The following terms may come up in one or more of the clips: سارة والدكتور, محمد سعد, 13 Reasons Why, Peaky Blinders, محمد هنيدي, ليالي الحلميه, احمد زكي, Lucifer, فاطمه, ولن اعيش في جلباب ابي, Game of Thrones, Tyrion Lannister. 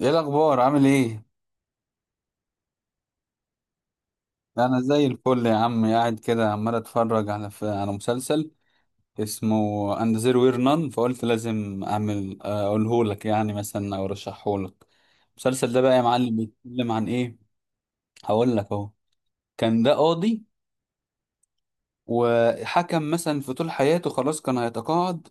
ايه الاخبار؟ عامل ايه؟ انا زي الفل يا عم، قاعد كده عمال اتفرج على مسلسل اسمه اند زيرو وير نان، فقلت لازم اعمل، اقوله لك يعني مثلا، او ارشحه لك. المسلسل ده بقى يا معلم بيتكلم عن ايه؟ هقول لك اهو. كان ده قاضي وحكم مثلا في طول حياته، خلاص كان هيتقاعد.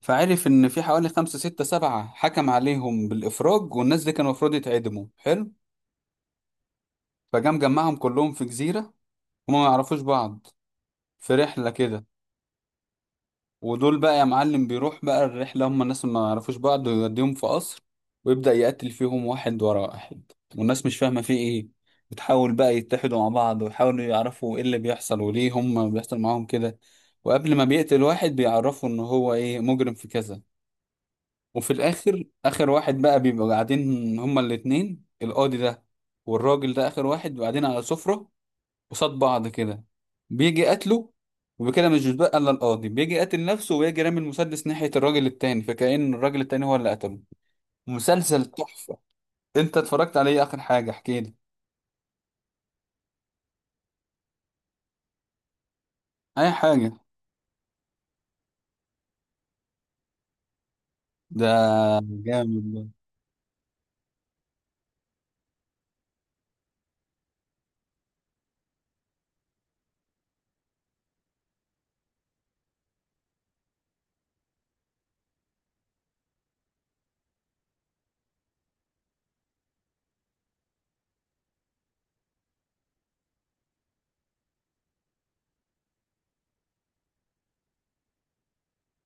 فعرف ان في حوالي خمسة ستة سبعة حكم عليهم بالافراج، والناس دي كانوا المفروض يتعدموا. حلو، فجام جمعهم كلهم في جزيرة، هما ما يعرفوش بعض، في رحلة كده. ودول بقى يا معلم بيروح بقى الرحلة، هم الناس اللي ما يعرفوش بعض، ويوديهم في قصر ويبدأ يقتل فيهم واحد ورا واحد، والناس مش فاهمة فيه ايه. بتحاول بقى يتحدوا مع بعض ويحاولوا يعرفوا ايه اللي بيحصل وليه هم بيحصل معاهم كده. وقبل ما بيقتل واحد بيعرفوا ان هو ايه، مجرم في كذا. وفي الاخر، اخر واحد بقى بيبقوا قاعدين هما الاتنين، القاضي ده والراجل ده اخر واحد، قاعدين على سفرة قصاد بعض كده، بيجي قتله. وبكده مش بيتبقى الا القاضي، بيجي قاتل نفسه ويجي رامي المسدس ناحية الراجل التاني، فكأن الراجل التاني هو اللي قتله. مسلسل تحفة. انت اتفرجت عليه؟ اخر حاجة احكي لي. اي حاجة. ده جامد ده.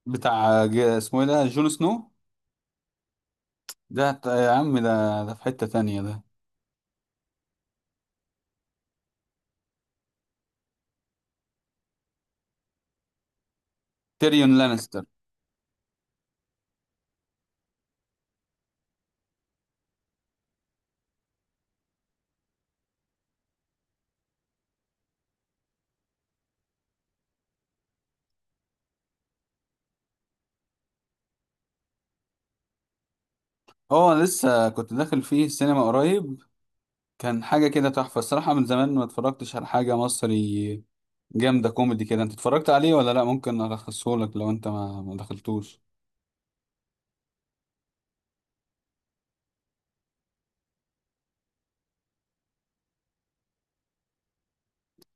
بتاع اسمه ايه ده، جون سنو؟ ده يا عم، ده في حتة تانية ده. تيريون لانستر. اه، لسه كنت داخل فيه السينما قريب. كان حاجة كده تحفة الصراحة، من زمان ما اتفرجتش على حاجة مصري جامدة كوميدي كده. انت اتفرجت عليه ولا لا؟ ممكن الخصهولك لو انت ما دخلتوش.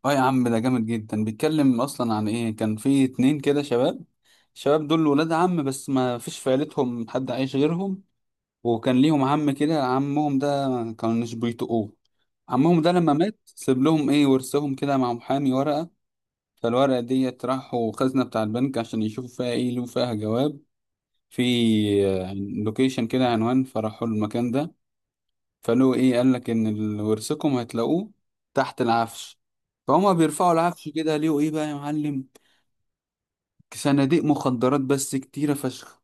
اه يا عم، ده جامد جدا. بيتكلم اصلا عن ايه؟ كان في اتنين كده شباب، الشباب دول ولاد عم، بس ما فيش في عيلتهم حد عايش غيرهم. وكان ليهم عم كده، عمهم ده ما كانوش بيطقوه. عمهم ده لما مات سيب لهم ايه، ورثهم كده مع محامي ورقة. فالورقة ديت راحوا خزنة بتاع البنك عشان يشوفوا فيها ايه، لو فيها جواب في لوكيشن كده، عنوان. فراحوا المكان ده، فلو ايه، قال لك ان ورثكم هتلاقوه تحت العفش. فهم بيرفعوا العفش كده، ليه ايه بقى يا معلم؟ صناديق مخدرات، بس كتيرة فشخ.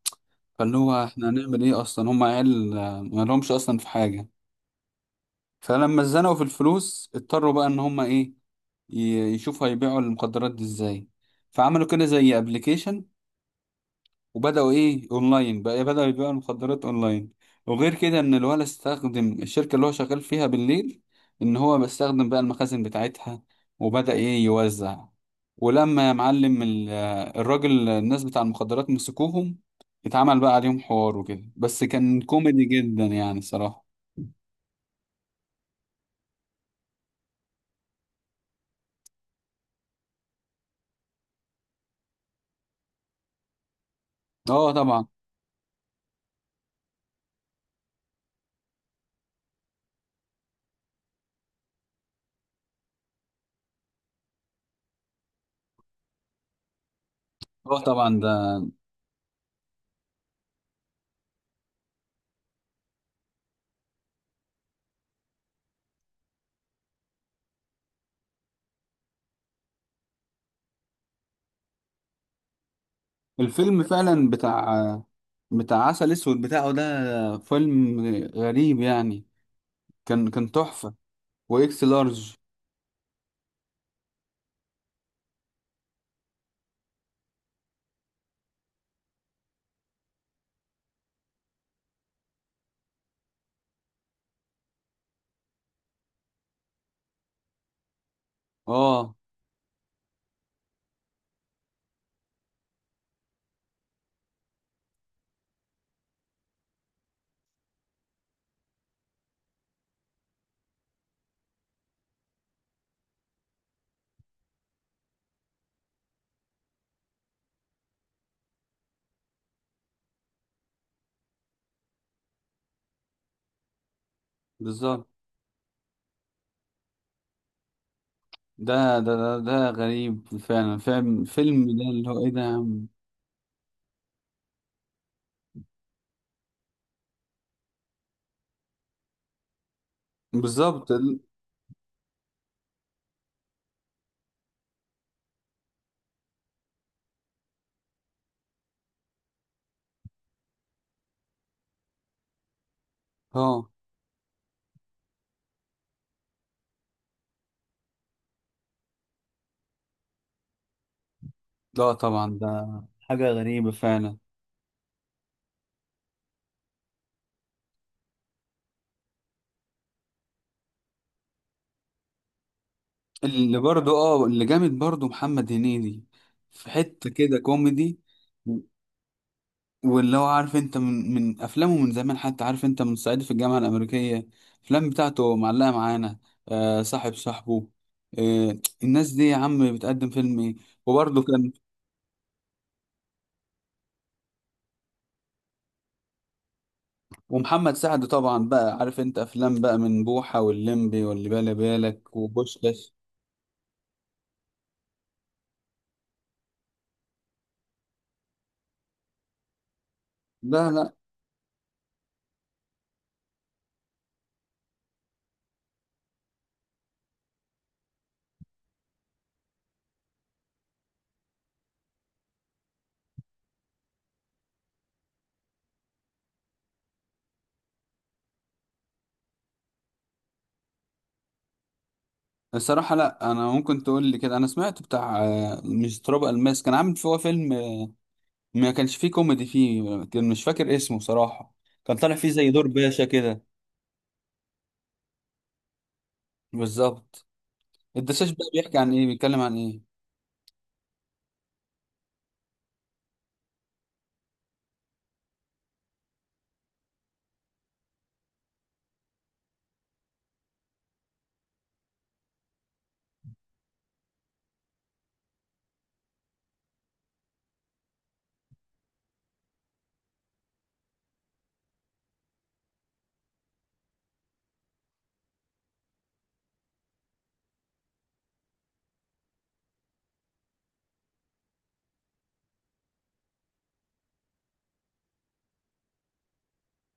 فاللي هو احنا هنعمل ايه، اصلا هم عيال، ما لهمش اصلا في حاجة. فلما اتزنقوا في الفلوس اضطروا بقى ان هم ايه، يشوفوا هيبيعوا المخدرات دي ازاي. فعملوا كده زي ابلكيشن وبدأوا إيه، أونلاين بقى، إيه، بدأوا يبيعوا المخدرات أونلاين. وغير كده إن الولد استخدم الشركة اللي هو شغال فيها بالليل، إن هو بيستخدم بقى المخازن بتاعتها وبدأ إيه يوزع. ولما يا معلم الراجل، الناس بتاع المخدرات، مسكوهم، اتعمل بقى عليهم حوار وكده، بس كان كوميدي جدا يعني صراحة. اه طبعا. اه طبعا ده الفيلم فعلا. بتاع عسل اسود بتاعه ده، فيلم غريب يعني. كان تحفة. واكس لارج. اه، بالظبط. ده غريب فعلا، فيلم ده. اللي هو ايه ده يا عم؟ بالظبط. ال- اه. لا طبعا، ده حاجة غريبة فعلا. اللي برضو اه، اللي جامد برضو محمد هنيدي. في حتة كده كوميدي. و- واللي هو، عارف انت، من افلامه من زمان، حتى عارف انت، من صعيدي في الجامعة الأمريكية. الافلام بتاعته معلقة معانا. آه، صاحبه. آه، الناس دي يا عم بتقدم فيلم ايه. وبرضه كان. ومحمد سعد طبعا بقى، عارف انت افلام بقى من بوحة واللمبي واللي بالي بالك وبوشكاش. لا لا. الصراحة لا، انا ممكن تقول لي كده، انا سمعت بتاع، مش تراب الماس كان عامل فيه فيلم، ما كانش فيه كوميدي فيه، كان مش فاكر اسمه صراحة. كان طالع فيه زي دور باشا كده. بالظبط. الدشاش بقى بيحكي عن ايه، بيتكلم عن ايه؟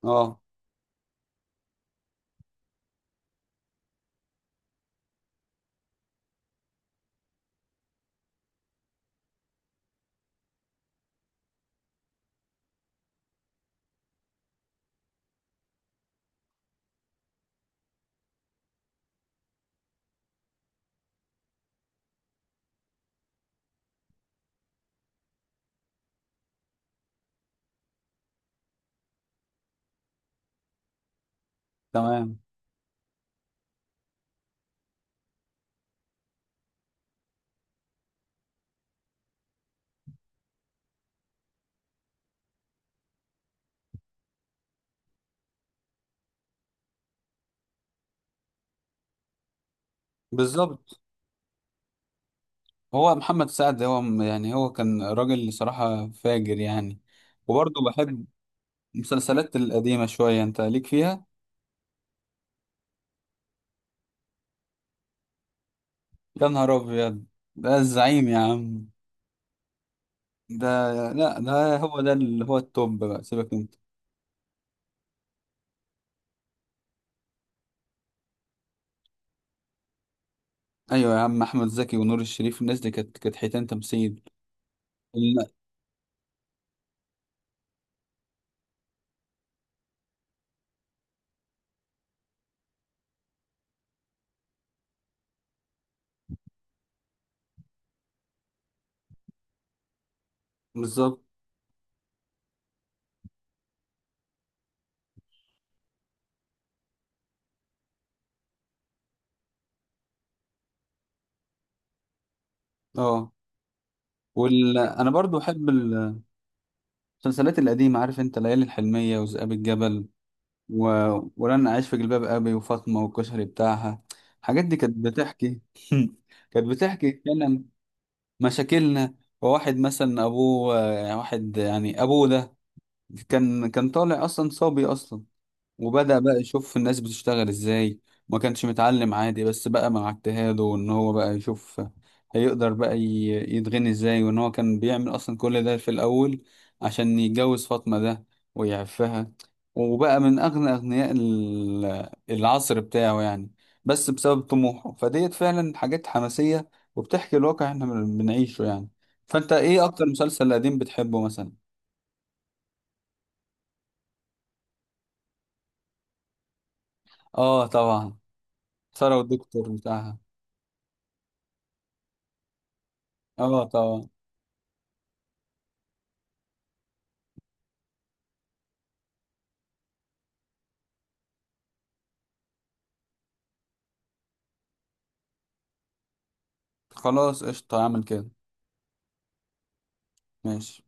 اه. تمام. بالظبط. هو محمد سعد هو يعني هو كان راجل صراحة فاجر يعني. وبرضه بحب المسلسلات القديمة شوية. انت ليك فيها؟ يا نهار ابيض، ده الزعيم يا عم. ده لا، ده هو ده اللي هو التوب بقى، سيبك انت. ايوه يا عم، احمد زكي ونور الشريف، الناس دي كانت حيتان تمثيل. لا. بالظبط. اه. وال... انا برضو احب المسلسلات القديمه. عارف انت ليالي الحلميه وذئاب الجبل و... ولن اعيش في جلباب ابي، وفاطمه والكشري بتاعها. الحاجات دي كانت بتحكي كانت بتحكي فعلا مشاكلنا. وواحد مثلا ابوه، يعني واحد يعني، ابوه ده كان طالع اصلا صبي اصلا، وبدأ بقى يشوف الناس بتشتغل ازاي. ما كانش متعلم عادي، بس بقى مع اجتهاده وان هو بقى يشوف هيقدر بقى يتغني ازاي. وان هو كان بيعمل اصلا كل ده في الاول عشان يتجوز فاطمة ده ويعفها، وبقى من اغنى اغنياء ال- العصر بتاعه يعني، بس بسبب طموحه. فديت فعلا حاجات حماسية، وبتحكي الواقع احنا بنعيشه يعني. فانت ايه اكتر مسلسل قديم بتحبه مثلا؟ اه طبعا. سارة والدكتور بتاعها. اه طبعا. خلاص، قشطة، اعمل كده. ماشي.